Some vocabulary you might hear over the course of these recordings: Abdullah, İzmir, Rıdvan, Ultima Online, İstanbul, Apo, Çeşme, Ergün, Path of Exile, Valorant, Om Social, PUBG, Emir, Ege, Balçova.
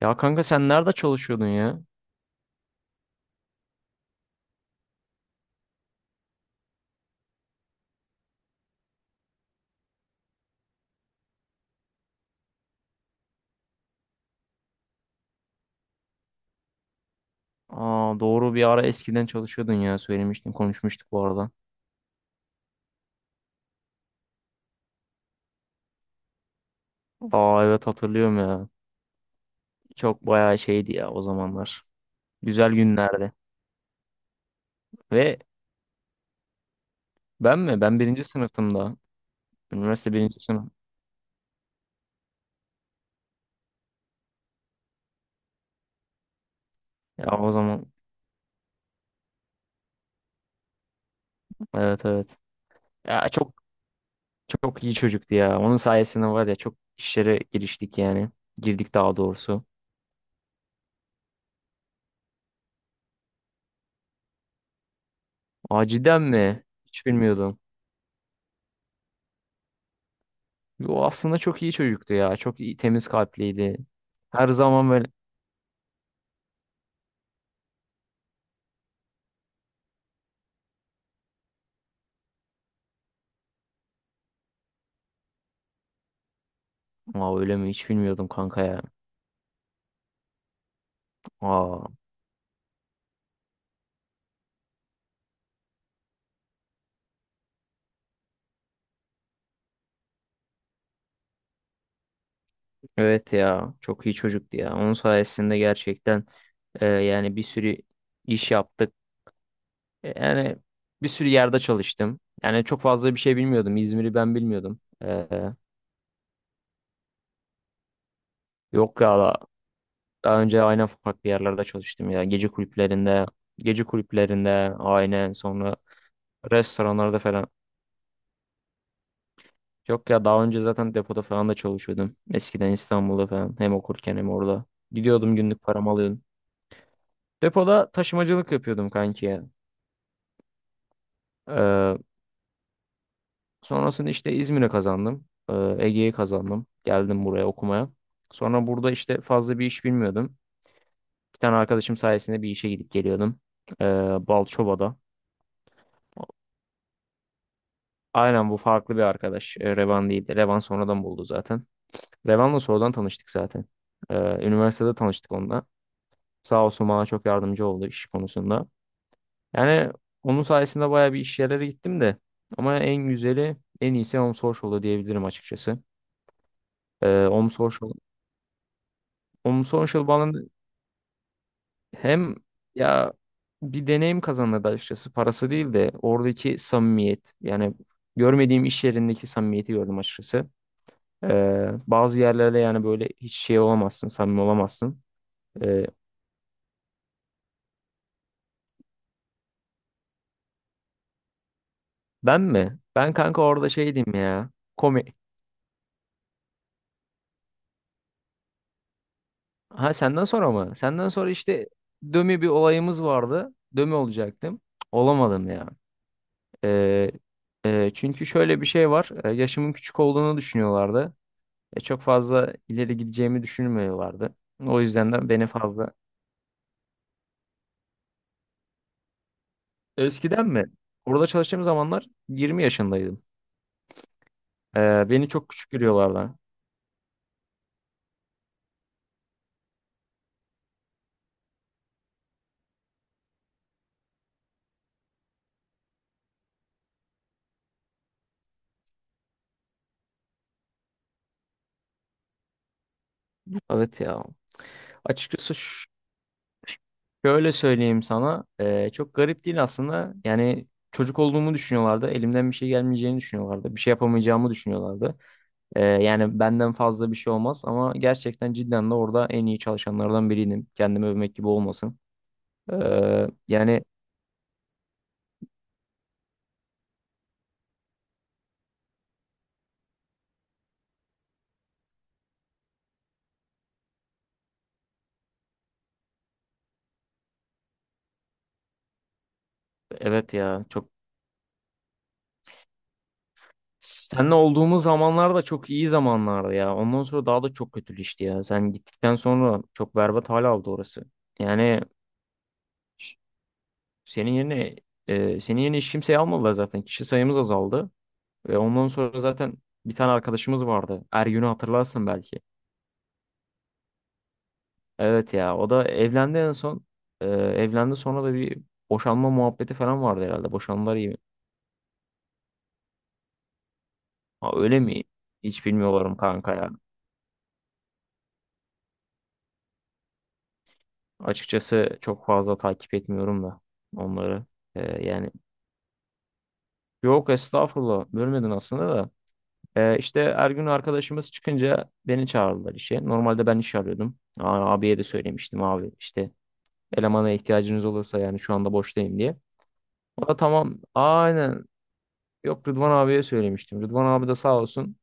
Ya kanka sen nerede çalışıyordun ya? Aa, doğru, bir ara eskiden çalışıyordun ya, söylemiştin, konuşmuştuk bu arada. Aa, evet hatırlıyorum ya. Çok bayağı şeydi ya o zamanlar. Güzel günlerdi. Ve ben mi? Ben birinci sınıftım da. Üniversite birinci sınıf. Ya o zaman evet, evet. Ya çok, çok iyi çocuktu ya. Onun sayesinde var ya, çok işlere giriştik yani. Girdik daha doğrusu. Aa cidden mi? Hiç bilmiyordum. O aslında çok iyi çocuktu ya. Çok iyi, temiz kalpliydi. Her zaman böyle. Aa, öyle mi? Hiç bilmiyordum kanka ya. Aa, evet ya. Çok iyi çocuktu ya. Onun sayesinde gerçekten yani bir sürü iş yaptık. Yani bir sürü yerde çalıştım. Yani çok fazla bir şey bilmiyordum. İzmir'i ben bilmiyordum. E, yok ya da- Daha önce aynen farklı yerlerde çalıştım ya. Gece kulüplerinde, gece kulüplerinde, aynen, sonra restoranlarda falan. Yok ya, daha önce zaten depoda falan da çalışıyordum. Eskiden İstanbul'da falan, hem okurken hem orada. Gidiyordum, günlük paramı alıyordum. Depoda taşımacılık yapıyordum kanki ya. Ee, Sonrasında işte İzmir'e kazandım. Ege'ye kazandım. Geldim buraya okumaya. Sonra burada işte fazla bir iş bilmiyordum. Bir tane arkadaşım sayesinde bir işe gidip geliyordum. Ee, Balçova'da. Aynen, bu farklı bir arkadaş. Revan değildi. Revan sonradan buldu zaten. Revan'la sonradan tanıştık zaten. Ee, Üniversitede tanıştık onunla. Sağ olsun, bana çok yardımcı oldu iş konusunda. Yani onun sayesinde bayağı bir iş yerlere gittim de. Ama en güzeli, en iyisi Om Social'da diyebilirim açıkçası. Om Social, Om Social bana hem ya bir deneyim kazandırdı açıkçası. Parası değil de oradaki samimiyet. Yani görmediğim iş yerindeki samimiyeti gördüm açıkçası. Bazı yerlerde yani böyle hiç şey olamazsın, samimi olamazsın. Ee, Ben mi? Ben kanka orada şey diyeyim ya. Komik. Ha, senden sonra mı? Senden sonra işte dömi bir olayımız vardı. Dömi olacaktım. Olamadım ya. Ee, Çünkü şöyle bir şey var. Yaşımın küçük olduğunu düşünüyorlardı. Çok fazla ileri gideceğimi düşünmüyorlardı. O yüzden de beni fazla... Eskiden mi? Orada çalıştığım zamanlar 20 yaşındaydım. Beni çok küçük görüyorlardı. Evet ya. Açıkçası şöyle söyleyeyim sana, çok garip değil aslında. Yani çocuk olduğumu düşünüyorlardı. Elimden bir şey gelmeyeceğini düşünüyorlardı. Bir şey yapamayacağımı düşünüyorlardı. Yani benden fazla bir şey olmaz ama gerçekten cidden de orada en iyi çalışanlardan biriydim. Kendimi övmek gibi olmasın. Eee, yani evet ya, çok seninle olduğumuz zamanlar da çok iyi zamanlardı ya. Ondan sonra daha da çok kötüleşti ya. Sen gittikten sonra çok berbat hal aldı orası. Yani ş- senin yerine senin yerine hiç kimseyi almadılar zaten. Kişi sayımız azaldı. Ve ondan sonra zaten bir tane arkadaşımız vardı. Ergün'ü hatırlarsın belki. Evet ya, o da evlendi en son. Evlendi, sonra da bir boşanma muhabbeti falan vardı herhalde. Boşandılar, iyi mi? Ha, öyle mi? Hiç bilmiyorum kanka ya. Açıkçası çok fazla takip etmiyorum da onları. Ee, yani Yok, estağfurullah, bölmedin aslında da. İşte Ergün arkadaşımız çıkınca beni çağırdılar işe. Normalde ben iş arıyordum. Aa, abiye de söylemiştim, abi işte elemana ihtiyacınız olursa, yani şu anda boştayım diye. O da tamam. Aynen. Yok, Rıdvan abiye söylemiştim. Rıdvan abi de sağ olsun.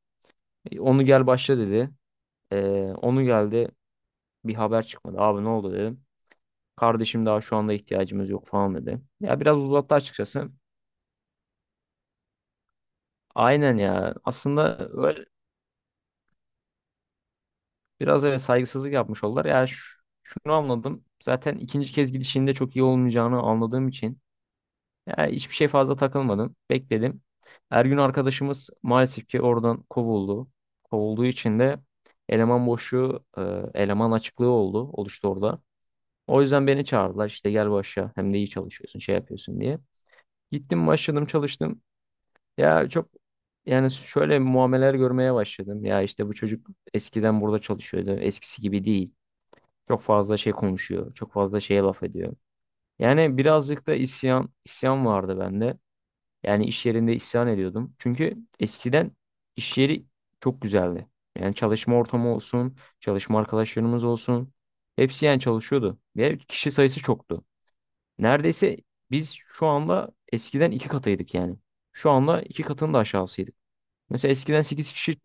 Onu gel başla" dedi. Ee, Onu geldi. Bir haber çıkmadı. "Abi ne oldu?" dedim. "Kardeşim daha şu anda ihtiyacımız yok" falan dedi. Ya biraz uzattı açıkçası. Aynen ya. Aslında öyle biraz, evet, saygısızlık yapmış oldular. Şunu anladım. Zaten ikinci kez gidişinde çok iyi olmayacağını anladığım için. Ya hiçbir şey fazla takılmadım. Bekledim. Ergün arkadaşımız maalesef ki oradan kovuldu. Kovulduğu için de eleman boşluğu, e, eleman açıklığı oluştu orada. O yüzden beni çağırdılar. İşte gel başla. Hem de iyi çalışıyorsun, şey yapıyorsun diye. Gittim, başladım, çalıştım. Ya çok, yani şöyle muameleler görmeye başladım. Ya işte bu çocuk eskiden burada çalışıyordu. Eskisi gibi değil. Çok fazla şey konuşuyor. Çok fazla şeye laf ediyor. Yani birazcık da isyan vardı bende. Yani iş yerinde isyan ediyordum. Çünkü eskiden iş yeri çok güzeldi. Yani çalışma ortamı olsun, çalışma arkadaşlarımız olsun. Hepsi yani çalışıyordu. Ve kişi sayısı çoktu. Neredeyse biz şu anda eskiden 2 katıydık yani. Şu anda 2 katının da aşağısıydık. Mesela eskiden 8 kişi,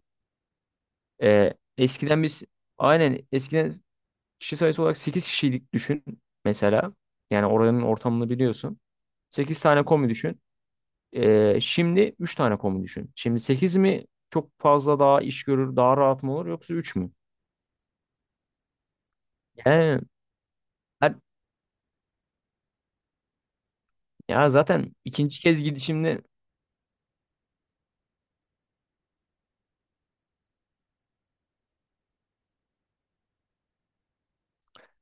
e, eskiden biz aynen eskiden kişi sayısı olarak 8 kişiydik, düşün mesela. Yani oranın ortamını biliyorsun. 8 tane komi düşün. Şimdi 3 tane komu düşün. Şimdi 8 mi çok fazla daha iş görür, daha rahat mı olur yoksa 3 mü? Yani ben- Ya zaten ikinci kez gidişimde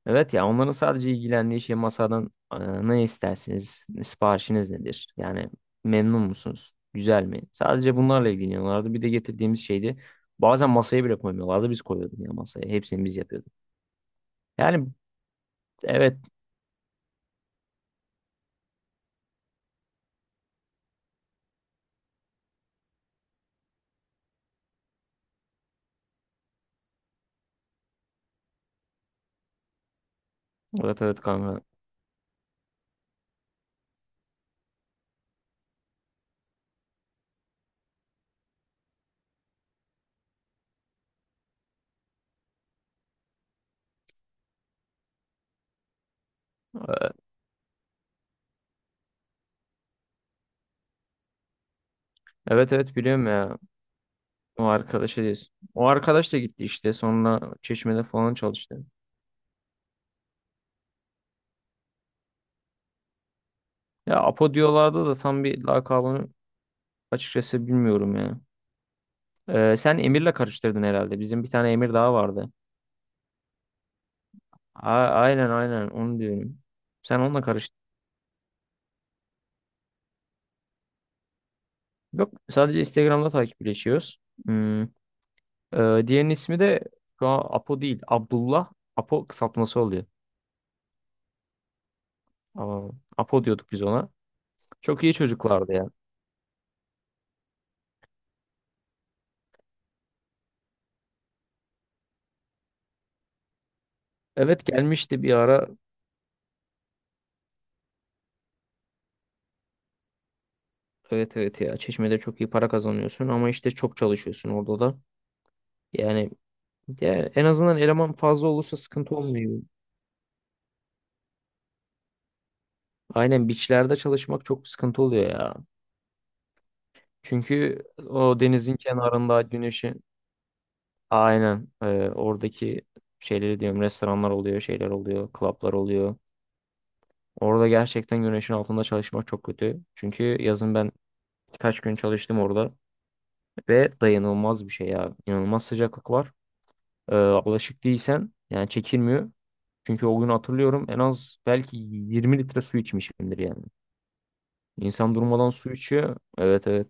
evet ya, onların sadece ilgilendiği şey masadan ne istersiniz, siparişiniz nedir? Yani memnun musunuz? Güzel mi? Sadece bunlarla ilgileniyorlardı. Bir de getirdiğimiz şeydi. Bazen masaya bile koymuyorlardı. Biz koyuyorduk ya masaya. Hepsini biz yapıyorduk. Yani evet. Evet evet kanka. Ee, Evet evet biliyorum ya. O arkadaşa diyorsun. O arkadaş da gitti işte. Sonra Çeşme'de falan çalıştı. Ya Apo diyorlardı da tam bir lakabını açıkçası bilmiyorum ya. Sen Emir'le karıştırdın herhalde. Bizim bir tane Emir daha vardı. A aynen, aynen, onu diyorum. Sen onunla karıştırdın. Yok, sadece Instagram'da takipleşiyoruz. Hmm. Diğerinin ismi de şu an Apo değil. Abdullah. Apo kısaltması oluyor. Aa, Apo diyorduk biz ona. Çok iyi çocuklardı ya. Evet, gelmişti bir ara. Evet, evet ya, Çeşme'de çok iyi para kazanıyorsun ama işte çok çalışıyorsun orada da. Yani, ya en azından eleman fazla olursa sıkıntı olmuyor. Aynen, beachlerde çalışmak çok sıkıntı oluyor ya. Çünkü o denizin kenarında güneşin aynen, oradaki şeyleri diyorum, restoranlar oluyor, şeyler oluyor, klaplar oluyor. Orada gerçekten güneşin altında çalışmak çok kötü. Çünkü yazın ben birkaç gün çalıştım orada ve dayanılmaz bir şey ya. İnanılmaz sıcaklık var. Alışık değilsen yani çekilmiyor. Çünkü o gün hatırlıyorum, en az belki 20 litre su içmişimdir yani. İnsan durmadan su içiyor. Evet, evet.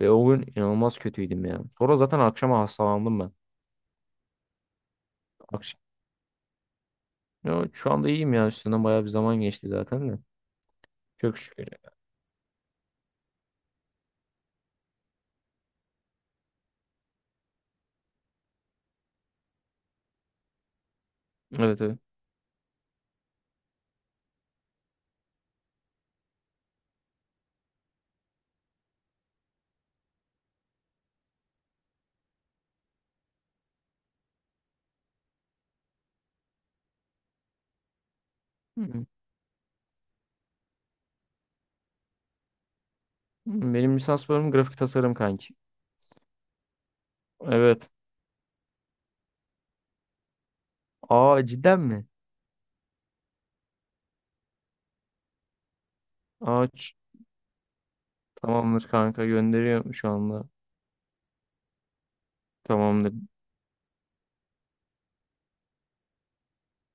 Ve o gün inanılmaz kötüydüm ya. Sonra zaten akşama hastalandım ben. Akş Ya şu anda iyiyim ya. Üstünden bayağı bir zaman geçti zaten de. Çok şükür. Evet, evet. Hı hı. Benim lisans bölümüm grafik tasarım kanki. Evet. Aa cidden mi? Aa ç- Tamamdır kanka, gönderiyorum şu anda. Tamamdır.